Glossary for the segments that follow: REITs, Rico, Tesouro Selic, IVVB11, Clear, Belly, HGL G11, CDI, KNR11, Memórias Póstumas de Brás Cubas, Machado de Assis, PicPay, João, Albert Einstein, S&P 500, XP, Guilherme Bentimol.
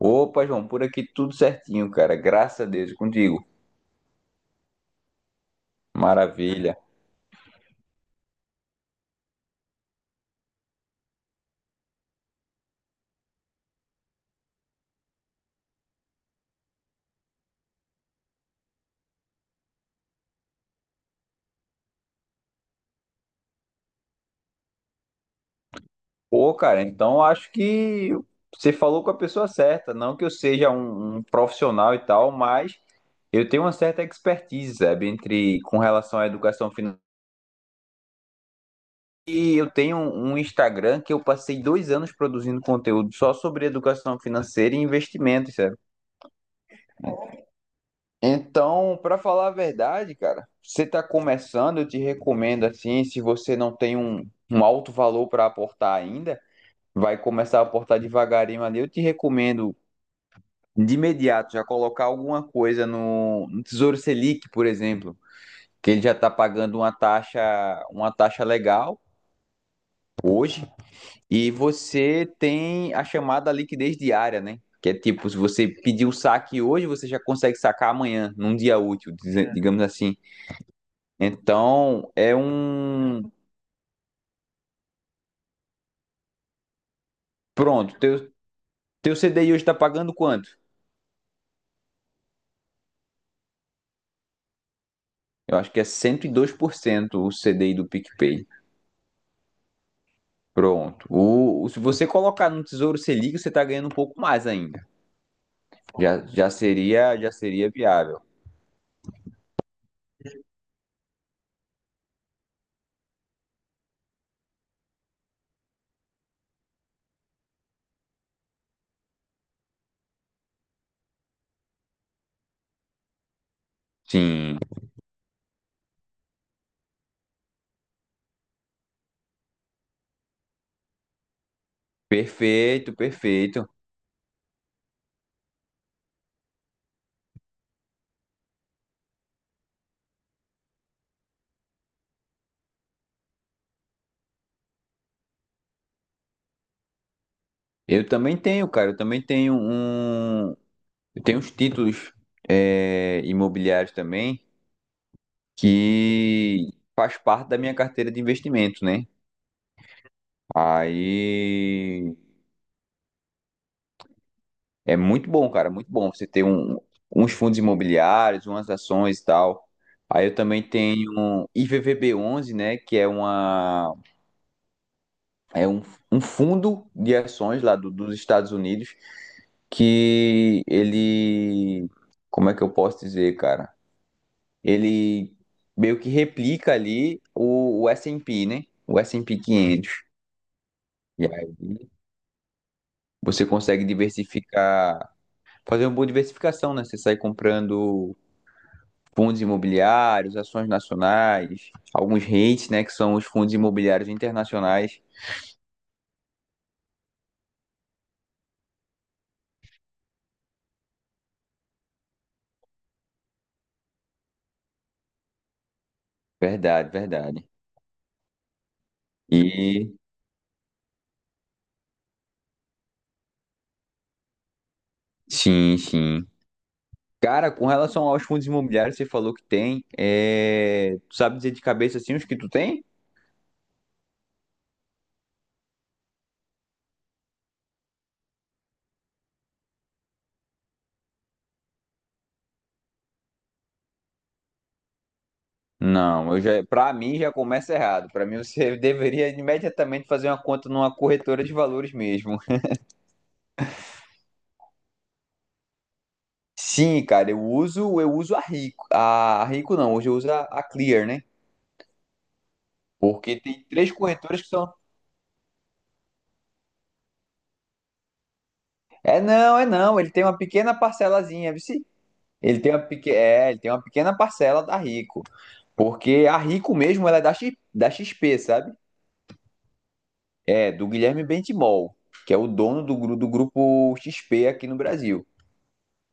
Opa, João, por aqui tudo certinho, cara. Graças a Deus, e contigo. Maravilha. Pô, cara, então acho que você falou com a pessoa certa. Não que eu seja um profissional e tal, mas eu tenho uma certa expertise, sabe, entre com relação à educação financeira. E eu tenho um Instagram que eu passei 2 anos produzindo conteúdo só sobre educação financeira e investimentos, sabe? Então, para falar a verdade, cara, você está começando, eu te recomendo assim, se você não tem um alto valor para aportar ainda, vai começar a aportar devagarinho ali. Eu te recomendo de imediato já colocar alguma coisa no Tesouro Selic, por exemplo, que ele já está pagando uma taxa legal hoje, e você tem a chamada liquidez diária, né? Que é tipo, se você pedir o saque hoje, você já consegue sacar amanhã, num dia útil, digamos assim. Então, é um. Pronto, teu CDI hoje está pagando quanto? Eu acho que é 102% o CDI do PicPay. Pronto. Se você colocar no Tesouro Selic, você está ganhando um pouco mais ainda. Já seria viável. Sim. Perfeito, perfeito. Eu também tenho, cara. Eu também tenho um. Eu tenho uns títulos imobiliários também que faz parte da minha carteira de investimento, né? Aí É muito bom, cara, muito bom você ter uns fundos imobiliários, umas ações e tal. Aí eu também tenho um IVVB11, né, que é é um, um fundo de ações lá dos Estados Unidos que ele, como é que eu posso dizer, cara? Ele meio que replica ali o S&P, né? O S&P 500. E aí você consegue diversificar, fazer uma boa diversificação, né? Você sai comprando fundos imobiliários, ações nacionais, alguns REITs, né, que são os fundos imobiliários internacionais. Verdade, verdade. E sim, sim. Cara, com relação aos fundos imobiliários, você falou que tem. É... Tu sabe dizer de cabeça assim os que tu tem? Não, eu já, para mim já começa errado. Para mim você deveria imediatamente fazer uma conta numa corretora de valores mesmo. Sim, cara, eu uso a Rico não, hoje eu uso a Clear, né? Porque tem três corretoras que são... É não, é não. Ele tem uma pequena parcelazinha, viu? Se? Ele tem uma peque... é, ele tem uma pequena parcela da Rico. Porque a Rico mesmo ela é da, X... da XP, sabe? É, do Guilherme Bentimol, que é o dono do, do grupo XP aqui no Brasil.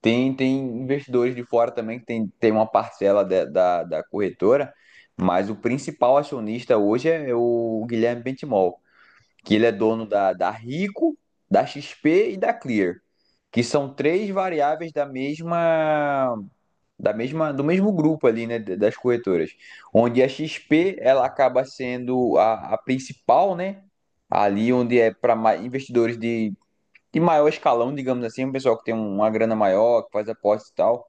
Tem investidores de fora também que tem uma parcela da corretora, mas o principal acionista hoje é o Guilherme Bentimol, que ele é dono da Rico, da XP e da Clear, que são três variáveis da mesma, do mesmo grupo ali, né, das corretoras, onde a XP ela acaba sendo a principal, né, ali onde é para investidores de maior escalão, digamos assim, um pessoal que tem uma grana maior, que faz apostas e tal,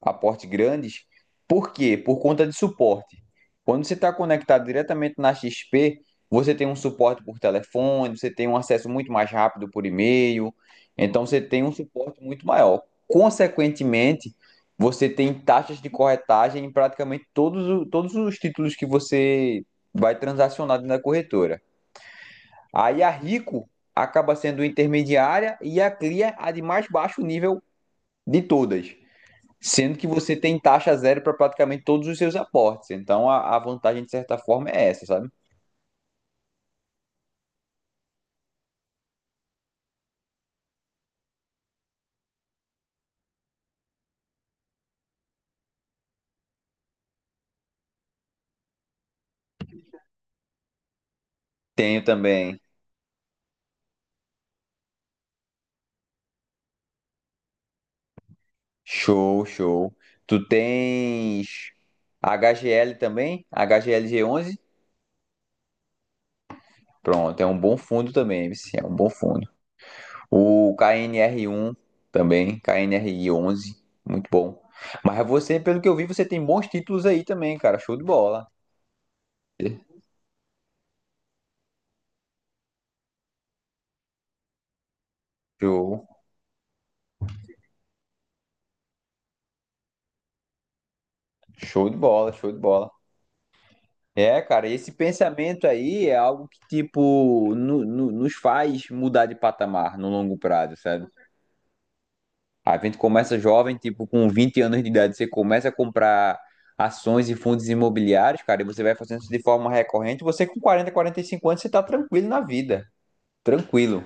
aporte grandes. Por quê? Por conta de suporte. Quando você está conectado diretamente na XP, você tem um suporte por telefone, você tem um acesso muito mais rápido por e-mail, então você tem um suporte muito maior. Consequentemente, você tem taxas de corretagem em praticamente todos os títulos que você vai transacionar na corretora. Aí a Rico acaba sendo intermediária e a Clear a de mais baixo nível de todas, sendo que você tem taxa zero para praticamente todos os seus aportes. Então a vantagem, de certa forma, é essa, sabe? Tenho também. Show, show. Tu tens HGL também, HGL G11. Pronto, é um bom fundo também, MC, é um bom fundo. O KNR1 também, KNR11, muito bom. Mas você, pelo que eu vi, você tem bons títulos aí também, cara. Show de bola. Show, show de bola, show de bola. É, cara, esse pensamento aí é algo que, tipo, nos faz mudar de patamar no longo prazo, sabe? A gente começa jovem, tipo, com 20 anos de idade, você começa a comprar ações e fundos imobiliários, cara, e você vai fazendo isso de forma recorrente, você com 40, 45 anos, você tá tranquilo na vida, tranquilo.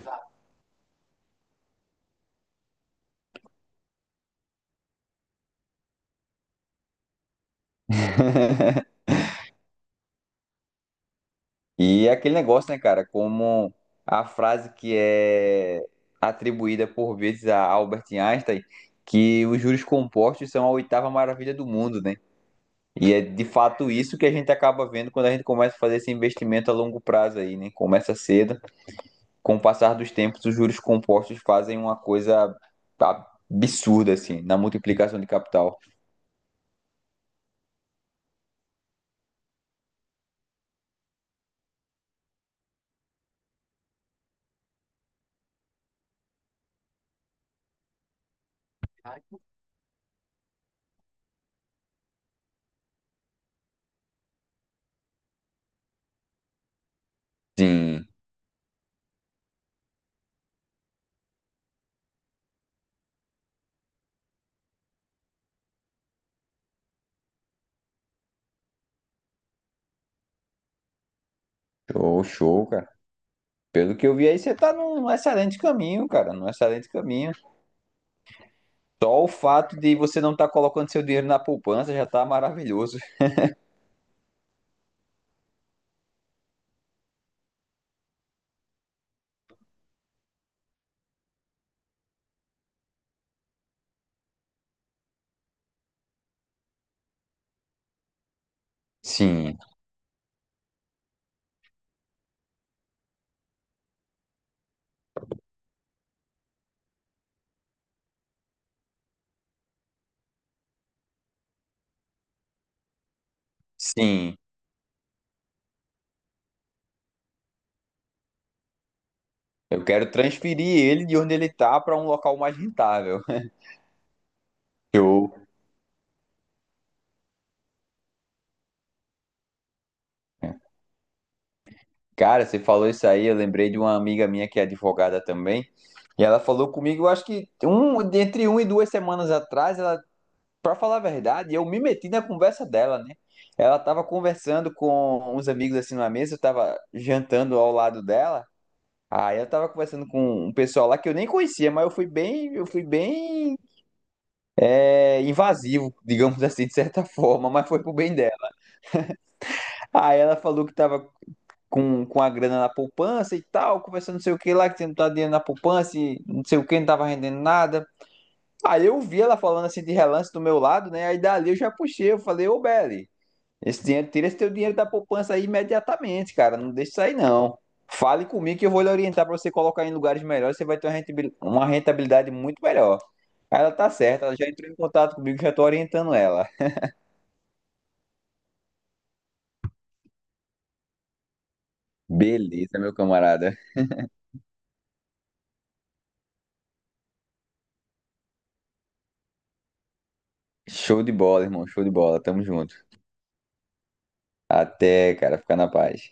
E é aquele negócio, né, cara, como a frase que é atribuída por vezes a Albert Einstein, que os juros compostos são a oitava maravilha do mundo, né? E é de fato isso que a gente acaba vendo quando a gente começa a fazer esse investimento a longo prazo aí, né? Começa cedo, com o passar dos tempos, os juros compostos fazem uma coisa absurda, assim, na multiplicação de capital. Sim, show, show, cara. Pelo que eu vi aí, você tá num excelente caminho, cara, num excelente caminho. Só o fato de você não estar colocando seu dinheiro na poupança já tá maravilhoso. Sim, sim. Eu quero transferir ele de onde ele tá para um local mais rentável. Show. Cara, você falou isso aí, eu lembrei de uma amiga minha que é advogada também, e ela falou comigo, eu acho que um, entre um e 2 semanas atrás, ela, para falar a verdade, eu me meti na conversa dela, né? Ela estava conversando com uns amigos assim numa mesa, eu estava jantando ao lado dela. Aí eu estava conversando com um pessoal lá que eu nem conhecia, mas eu fui bem, invasivo, digamos assim, de certa forma, mas foi pro bem dela. Aí ela falou que estava com a grana na poupança e tal, conversando não sei o que lá, que você não tá dinheiro na poupança e não sei o que, não tava rendendo nada. Aí eu vi ela falando assim de relance do meu lado, né? Aí dali eu já puxei, eu falei, ô Belly, esse dinheiro, tira esse teu dinheiro da poupança aí imediatamente, cara. Não deixa isso aí, não. Fale comigo que eu vou lhe orientar pra você colocar em lugares melhores, você vai ter uma uma rentabilidade muito melhor. Aí ela tá certa, ela já entrou em contato comigo, já tô orientando ela. Beleza, meu camarada. Show de bola, irmão, show de bola. Tamo junto. Até, cara, fica na paz.